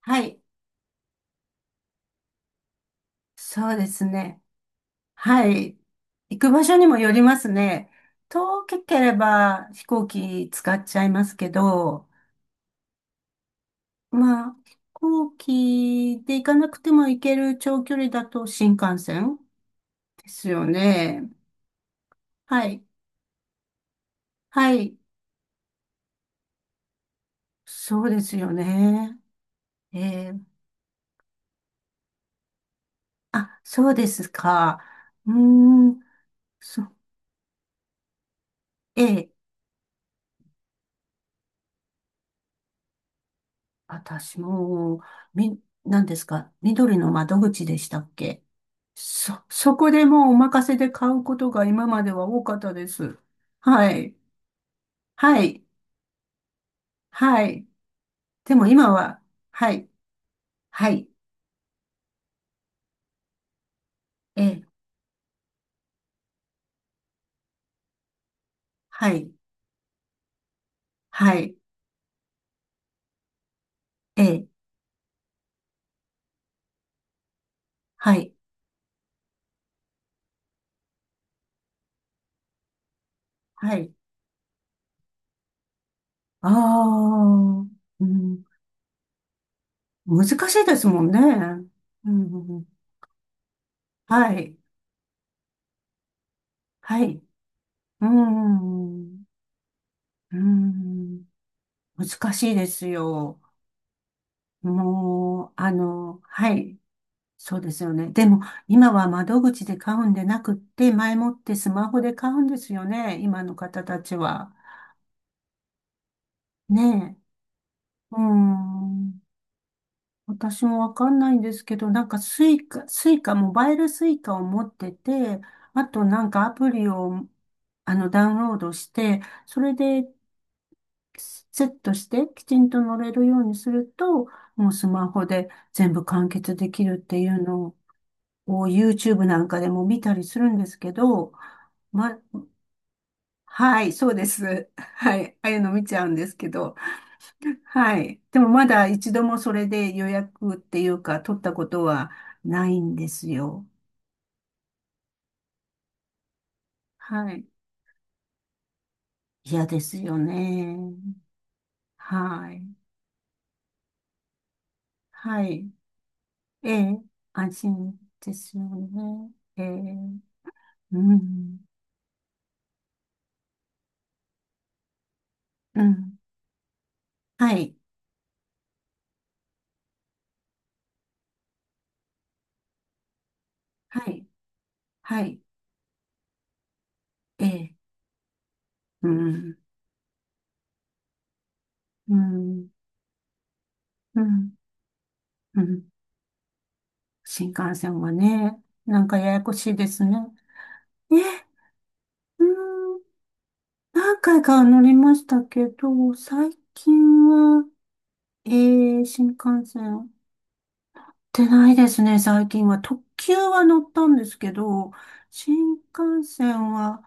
はい。そうですね。はい。行く場所にもよりますね。遠ければ飛行機使っちゃいますけど、まあ、飛行機で行かなくても行ける長距離だと新幹線ですよね。はい。はい。そうですよね。えー、あ、そうですか。うーん、そ、ええ、私も、み、何ですか、緑の窓口でしたっけ？そこでもうお任せで買うことが今までは多かったです。はい。はい。はい。でも今は、はい。はい。ええ。はい。はい。ええ。はい。はい。ああ、うん。難しいですもんね。うん。はい。はい。うん。うん。難しいですよ。もう、はい。そうですよね。でも、今は窓口で買うんでなくって、前もってスマホで買うんですよね。今の方たちは。ねえ。うーん。私もわかんないんですけど、なんかスイカ、スイカ、モバイルスイカを持ってて、あとなんかアプリを、ダウンロードして、それでセットしてきちんと乗れるようにすると、もうスマホで全部完結できるっていうのをこう YouTube なんかでも見たりするんですけど、ま、はい、そうです。はい、ああいうの見ちゃうんですけど、はい。でもまだ一度もそれで予約っていうか取ったことはないんですよ。はい。嫌ですよね。はい。はい。ええ、安心ですよね。ええ、うん、うん。はい、はい、はい。ええ、うん、うん、うん、うん。新幹線はね、なんかややこしいですね。え、うーん、何回か乗りましたけど、最近は、え新幹線乗ってないですね、最近は。特急は乗ったんですけど、新幹線は、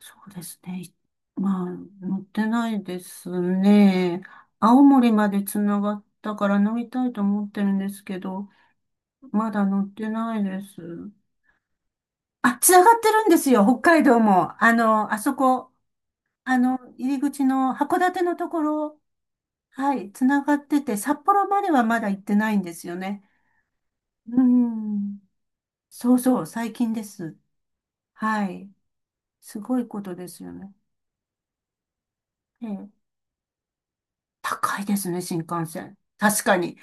そうですね、まあ、乗ってないですね。青森までつながったから乗りたいと思ってるんですけど、まだ乗ってないです。あ、つながってるんですよ、北海道も。あそこ、入り口の函館のところ、はい、つながってて、札幌まではまだ行ってないんですよね。うん。そうそう、最近です。はい。すごいことですよね。ええ、高いですね、新幹線。確かに。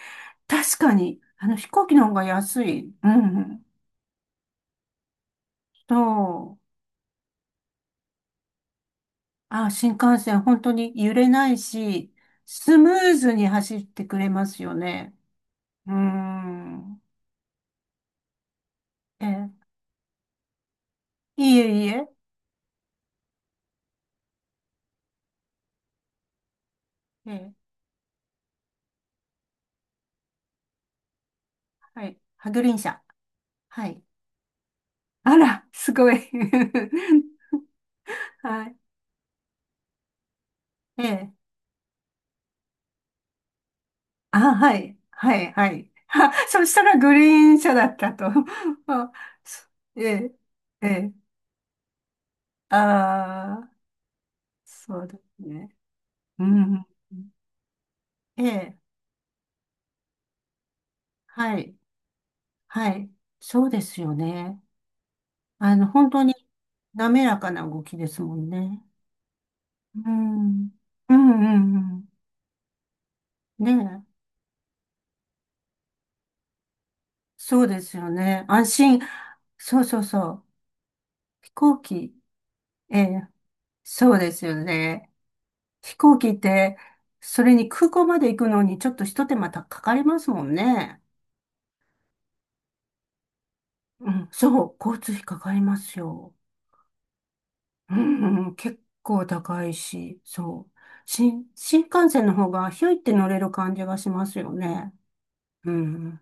確かに。飛行機の方が安い。うん、うん。そう。あ、新幹線、本当に揺れないし、スムーズに走ってくれますよね。うーん。えー、いえいえ。えー、はい。ハグリン社。はい。あら、すごい。はい。えー、あ、はい。はい、はい。そしたらグリーン車だったと。あ、そえー、えー、あー、そうですね。うん。ええ、はい、はい。そうですよね。本当に滑らかな動きですもんね。うん。うん、うん、うん。ねえ。そうですよね。安心。そうそうそう。飛行機。ええ、そうですよね。飛行機って、それに空港まで行くのにちょっとひと手間たかかりますもんね。うん、そう。交通費かかりますよ。うん、うん結構高いし、そう。新幹線の方がひょいって乗れる感じがしますよね。うん、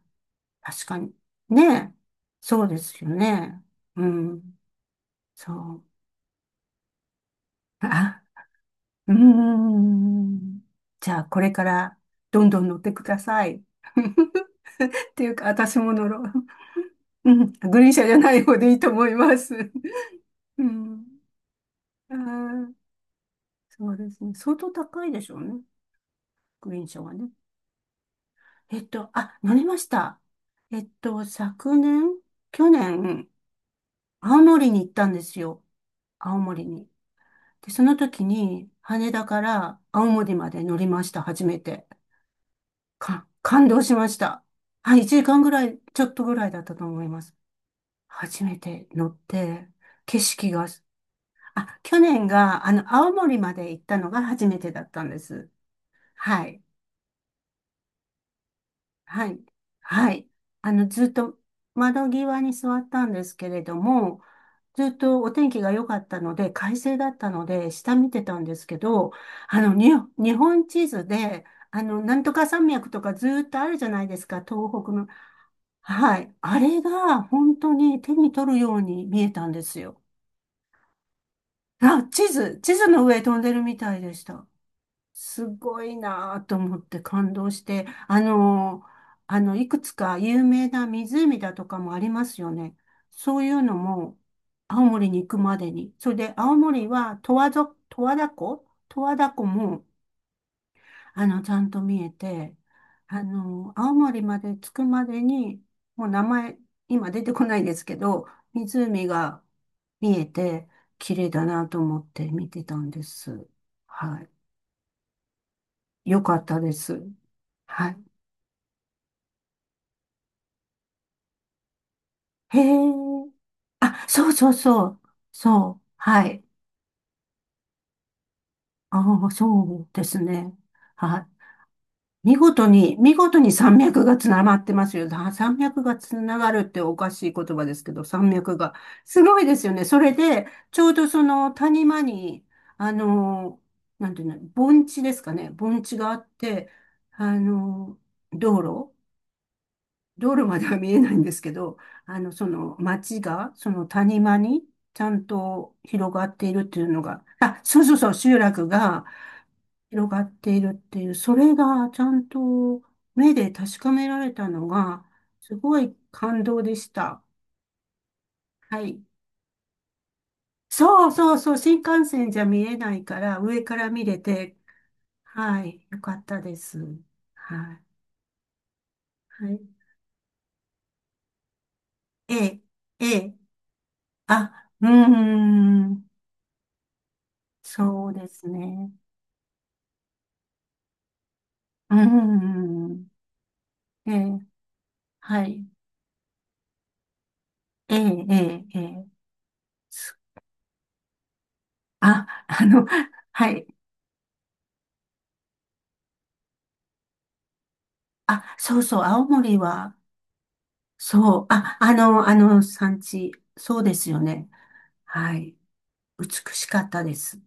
確かに。ねえ。そうですよね。うん、そう。あうーん。じゃあ、これからどんどん乗ってください。っていうか、私も乗ろう。うん。グリーン車じゃない方でいいと思います。うん。あー、そうですね。相当高いでしょうね。グリーン車はね。あ、乗りました。昨年、去年、青森に行ったんですよ。青森に。で、その時に、羽田から青森まで乗りました。初めて。感動しました。はい、1時間ぐらい、ちょっとぐらいだったと思います。初めて乗って、景色が、あ、去年が、青森まで行ったのが初めてだったんです。はい、はい、はい。ずっと窓際に座ったんですけれども、ずっとお天気が良かったので、快晴だったので、下見てたんですけど、あの、に、日本地図で、なんとか山脈とかずっとあるじゃないですか、東北の。はい。あれが本当に手に取るように見えたんですよ。あ、地図の上飛んでるみたいでした。すごいなぁと思って感動して、いくつか有名な湖だとかもありますよね。そういうのも、青森に行くまでに。それで、青森は十和田湖も、ちゃんと見えて、青森まで着くまでに、もう名前、今出てこないですけど、湖が見えて、綺麗だなと思って見てたんです。はい。よかったです。はい。へえ。あ、そうそうそう。そう。はい。ああ、そうですね。はい。見事に、見事に山脈がつながってますよ。山脈がつながるっておかしい言葉ですけど、山脈が。すごいですよね。それで、ちょうどその谷間に、あの、なんていうの、盆地ですかね。盆地があって、あの、道路、道路までは見えないんですけど、その町が、その谷間に、ちゃんと広がっているっていうのが、あ、そうそうそう、集落が、広がっているっていう、それがちゃんと目で確かめられたのが、すごい感動でした。はい。そうそうそう、新幹線じゃ見えないから、上から見れて、はい、よかったです。はい。はい。ええ、ええ、あ、そうですね。うーん、ええ、はい。ええ、ええ、ええ。すあ、はい。あ、そうそう、青森は、そう。あ、あの産地。そうですよね。はい。美しかったです。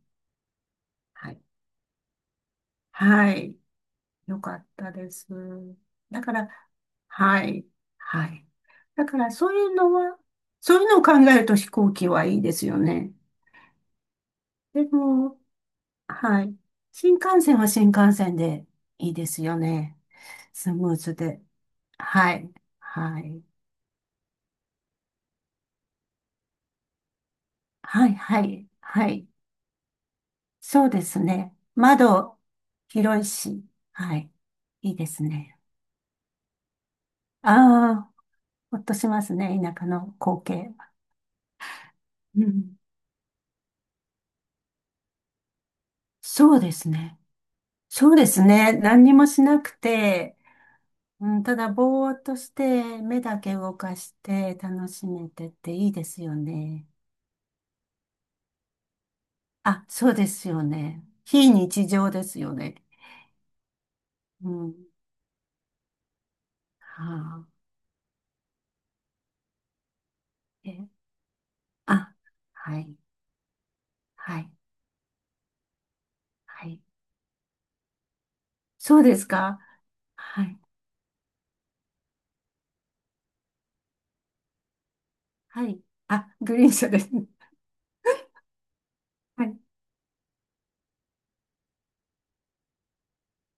はい。はい。よかったです。だから、はい。はい。だから、そういうのは、そういうのを考えると飛行機はいいですよね。でも、はい。新幹線は新幹線でいいですよね。スムーズで。はい。はい。はい、はい、はい。そうですね。窓、広いし、はい。いいですね。ああ、ほっとしますね。田舎の光景。うん。そうですね。そうですね。何にもしなくて、うん、ただぼーっとして、目だけ動かして楽しめてっていいですよね。あ、そうですよね。非日常ですよね。うん。はあ、え、あ、はい、はい、はい。そうですか。はい。はい。あ、グリーン車ですね。はい